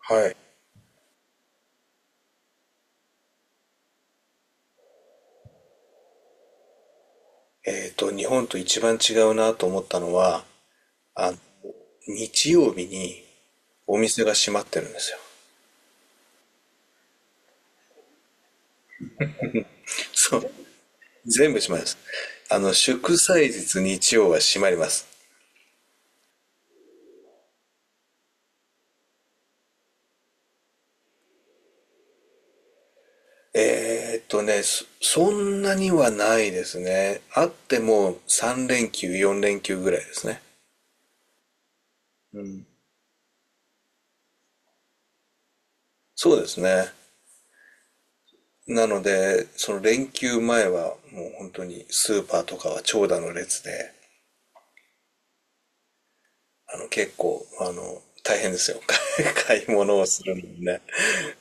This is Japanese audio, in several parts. はい。日本と一番違うなと思ったのは、あの、日曜日にお店が閉まってるんですよ。そう。全部閉まります。祝祭日日曜は閉まります。そんなにはないですね。あっても3連休、4連休ぐらいですね。そうですね。なので、その連休前はもう本当にスーパーとかは長蛇の列で、結構、大変ですよ。買い物をするのもね。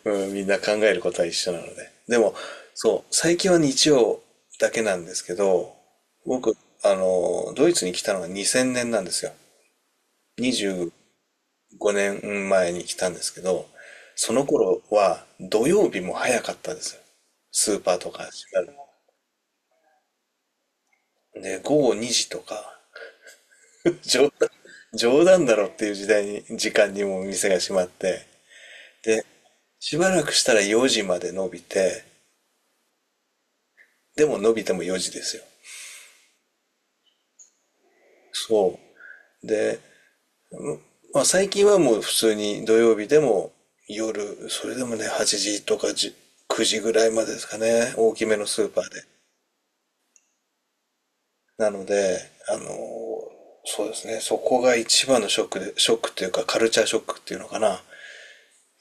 うん、みんな考えることは一緒なので。でも、そう、最近は日曜だけなんですけど、僕、ドイツに来たのが2000年なんですよ。25年前に来たんですけど、その頃は土曜日も早かったですよ。スーパーとか閉まるの。で、午後2時とか、冗談、冗談だろっていう時間にもお店が閉まって、で、しばらくしたら4時まで伸びて、でも伸びても4時ですよ。そう。で、まあ最近はもう普通に土曜日でも夜、それでもね、8時とか10 9時ぐらいまでですかね、大きめのスーパーで。なので、あのーそうですね、そこが一番のショックっていうかカルチャーショックっていうのかな。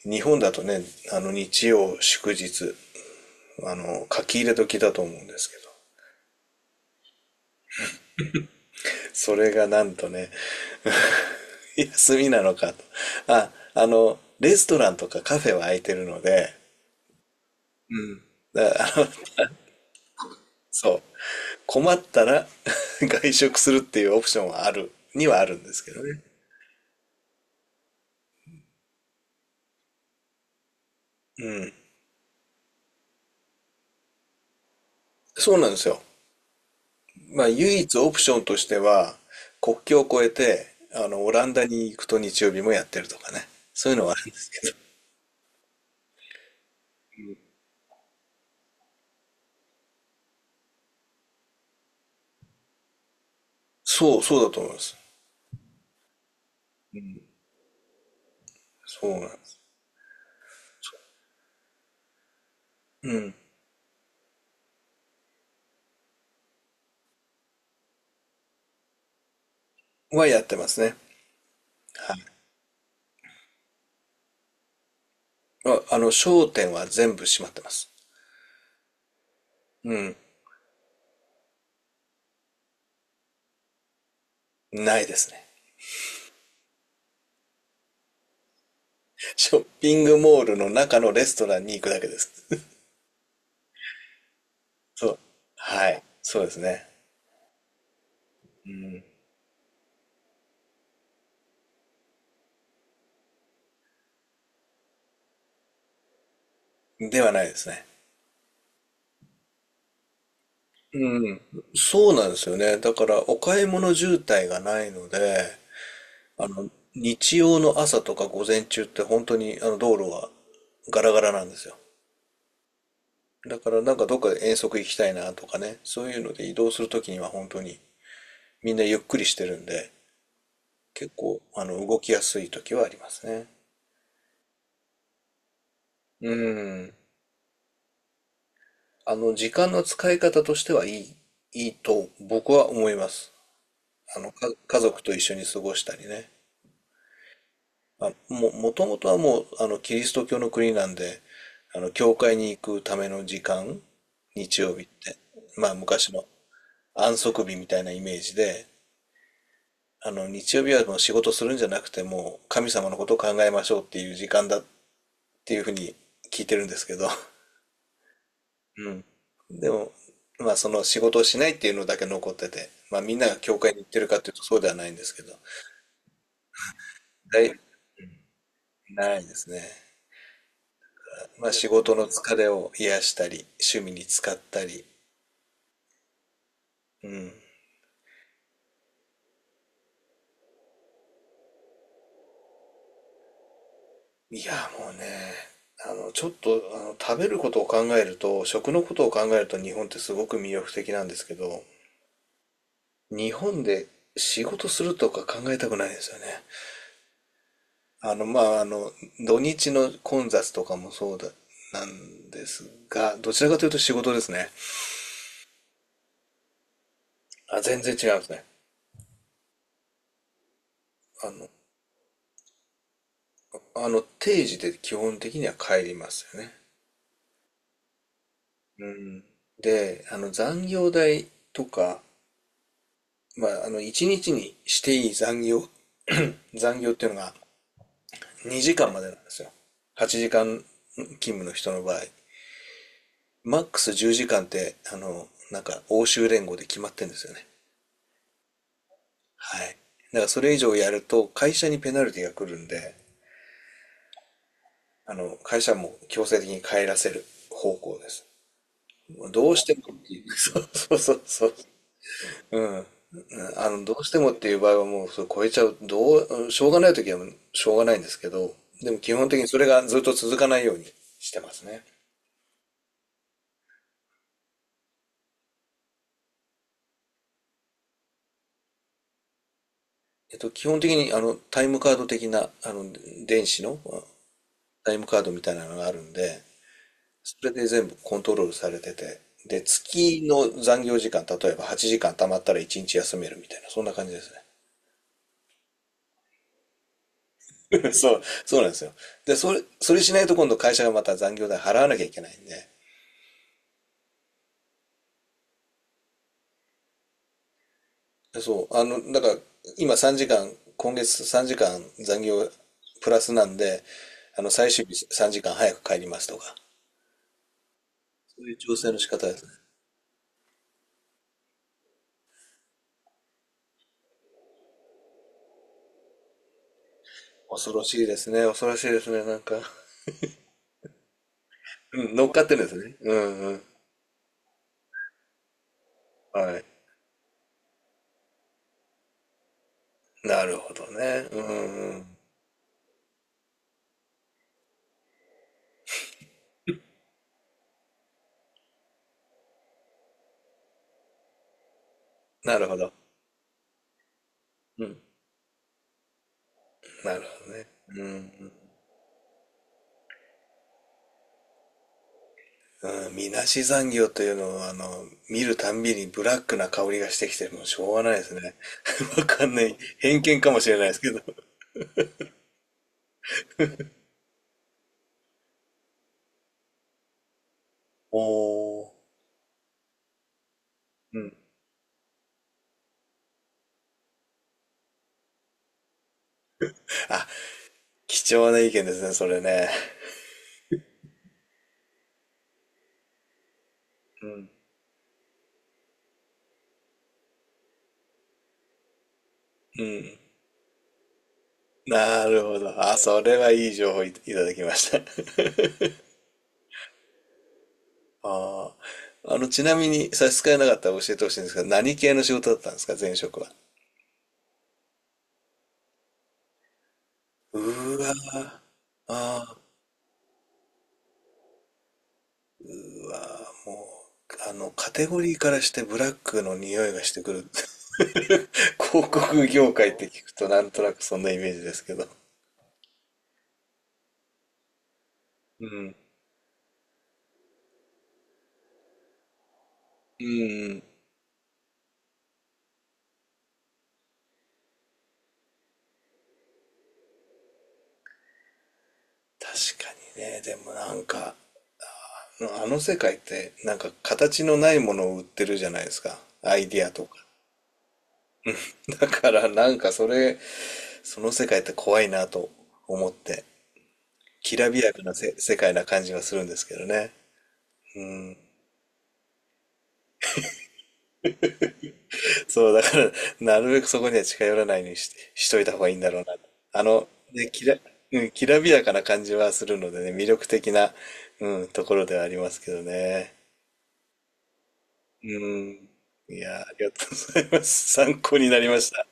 日本だとね、日曜、祝日、書き入れ時だと思うんですけど、それがなんとね、休みなのかと。レストランとかカフェは空いてるので、だからそう。困ったら 外食するっていうオプションはにはあるんですけどね。そうなんですよ。まあ、唯一オプションとしては、国境を越えて、オランダに行くと日曜日もやってるとかね。そういうのはあるんですけど。そう、そうだと思います。そうなんです。うん。はやってますね。はい。商店は全部閉まってます。うん。ないですね。ショッピングモールの中のレストランに行くだけです。そう。はい。そうですね。ではないですね。そうなんですよね。だから、お買い物渋滞がないので、日曜の朝とか午前中って本当にあの道路はガラガラなんですよ。だからなんかどっかで遠足行きたいなとかね、そういうので移動するときには本当にみんなゆっくりしてるんで、結構動きやすい時はありますね。うん。時間の使い方としてはいいと僕は思います。家族と一緒に過ごしたりね。まあ、もともとはもう、キリスト教の国なんで、教会に行くための時間、日曜日って、まあ、昔の安息日みたいなイメージで、日曜日はもう仕事するんじゃなくて、もう神様のことを考えましょうっていう時間だっていうふうに聞いてるんですけど、うん。でも、まあその仕事をしないっていうのだけ残ってて、まあみんなが教会に行ってるかというとそうではないんですけど、だい、ないですね。まあ仕事の疲れを癒したり、趣味に使ったり、うん。いや、もうね、あの、ちょっと、あの、食べることを考えると、食のことを考えると日本ってすごく魅力的なんですけど、日本で仕事するとか考えたくないですよね。あの、まあ、あの、土日の混雑とかもそうだ、なんですが、どちらかというと仕事ですね。あ、全然違いますね。あの、定時で基本的には帰りますよね。うん。で、残業代とか、1日にちにしていい残業、残業っていうのが2時間までなんですよ。8時間勤務の人の場合。マックス10時間って、欧州連合で決まってんですよね。はい。だからそれ以上やると会社にペナルティが来るんで、会社も強制的に帰らせる方向です。もうどうしてもっていう、そうそうそうそう。うん。うんどうしてもっていう場合はもうそれ超えちゃう、うんしょうがない時はしょうがないんですけど、でも基本的にそれがずっと続かないようにしてますね。基本的にタイムカード的な、電子のタイムカードみたいなのがあるんで、それで全部コントロールされてて、で、月の残業時間、例えば8時間貯まったら1日休めるみたいな、そんな感じですね。そう、そうなんですよ。で、それしないと今度会社がまた残業代払わなきゃいけないんで、でそう、だから今3時間、今月3時間残業プラスなんで、最終日3時間早く帰りますとか、そういう調整の仕方ですね。恐ろしいですね、恐ろしいですね、なんか。うん、乗っかってるんですね。うんうん。はい。なるほどね。うんうん。なるほど。うん。なるほどね。うん。うん、みなし残業というのは、見るたんびにブラックな香りがしてきて、もうしょうがないですね。わかんない。偏見かもしれないですけど。おー。うん。あ、貴重な意見ですね、それね。うん。うん。なるほど。あ、それはいい情報い、ただきました。ああ。ちなみに差し支えなかったら教えてほしいんですが、何系の仕事だったんですか、前職は。うーわー。ああ。もう、カテゴリーからしてブラックの匂いがしてくる。広告業界って聞くとなんとなくそんなイメージですけど。うん。うん。確かにね。でもなんか、あの世界ってなんか形のないものを売ってるじゃないですか。アイディアとか。だからなんかその世界って怖いなと思って、きらびやかな世界な感じがするんですけどね。うん。そう、だから、なるべくそこには近寄らないようにしといた方がいいんだろうな。あの、ね、きら、うん、きらびやかな感じはするのでね、魅力的な、うん、ところではありますけどね。うん。いや、ありがとうございます。参考になりました。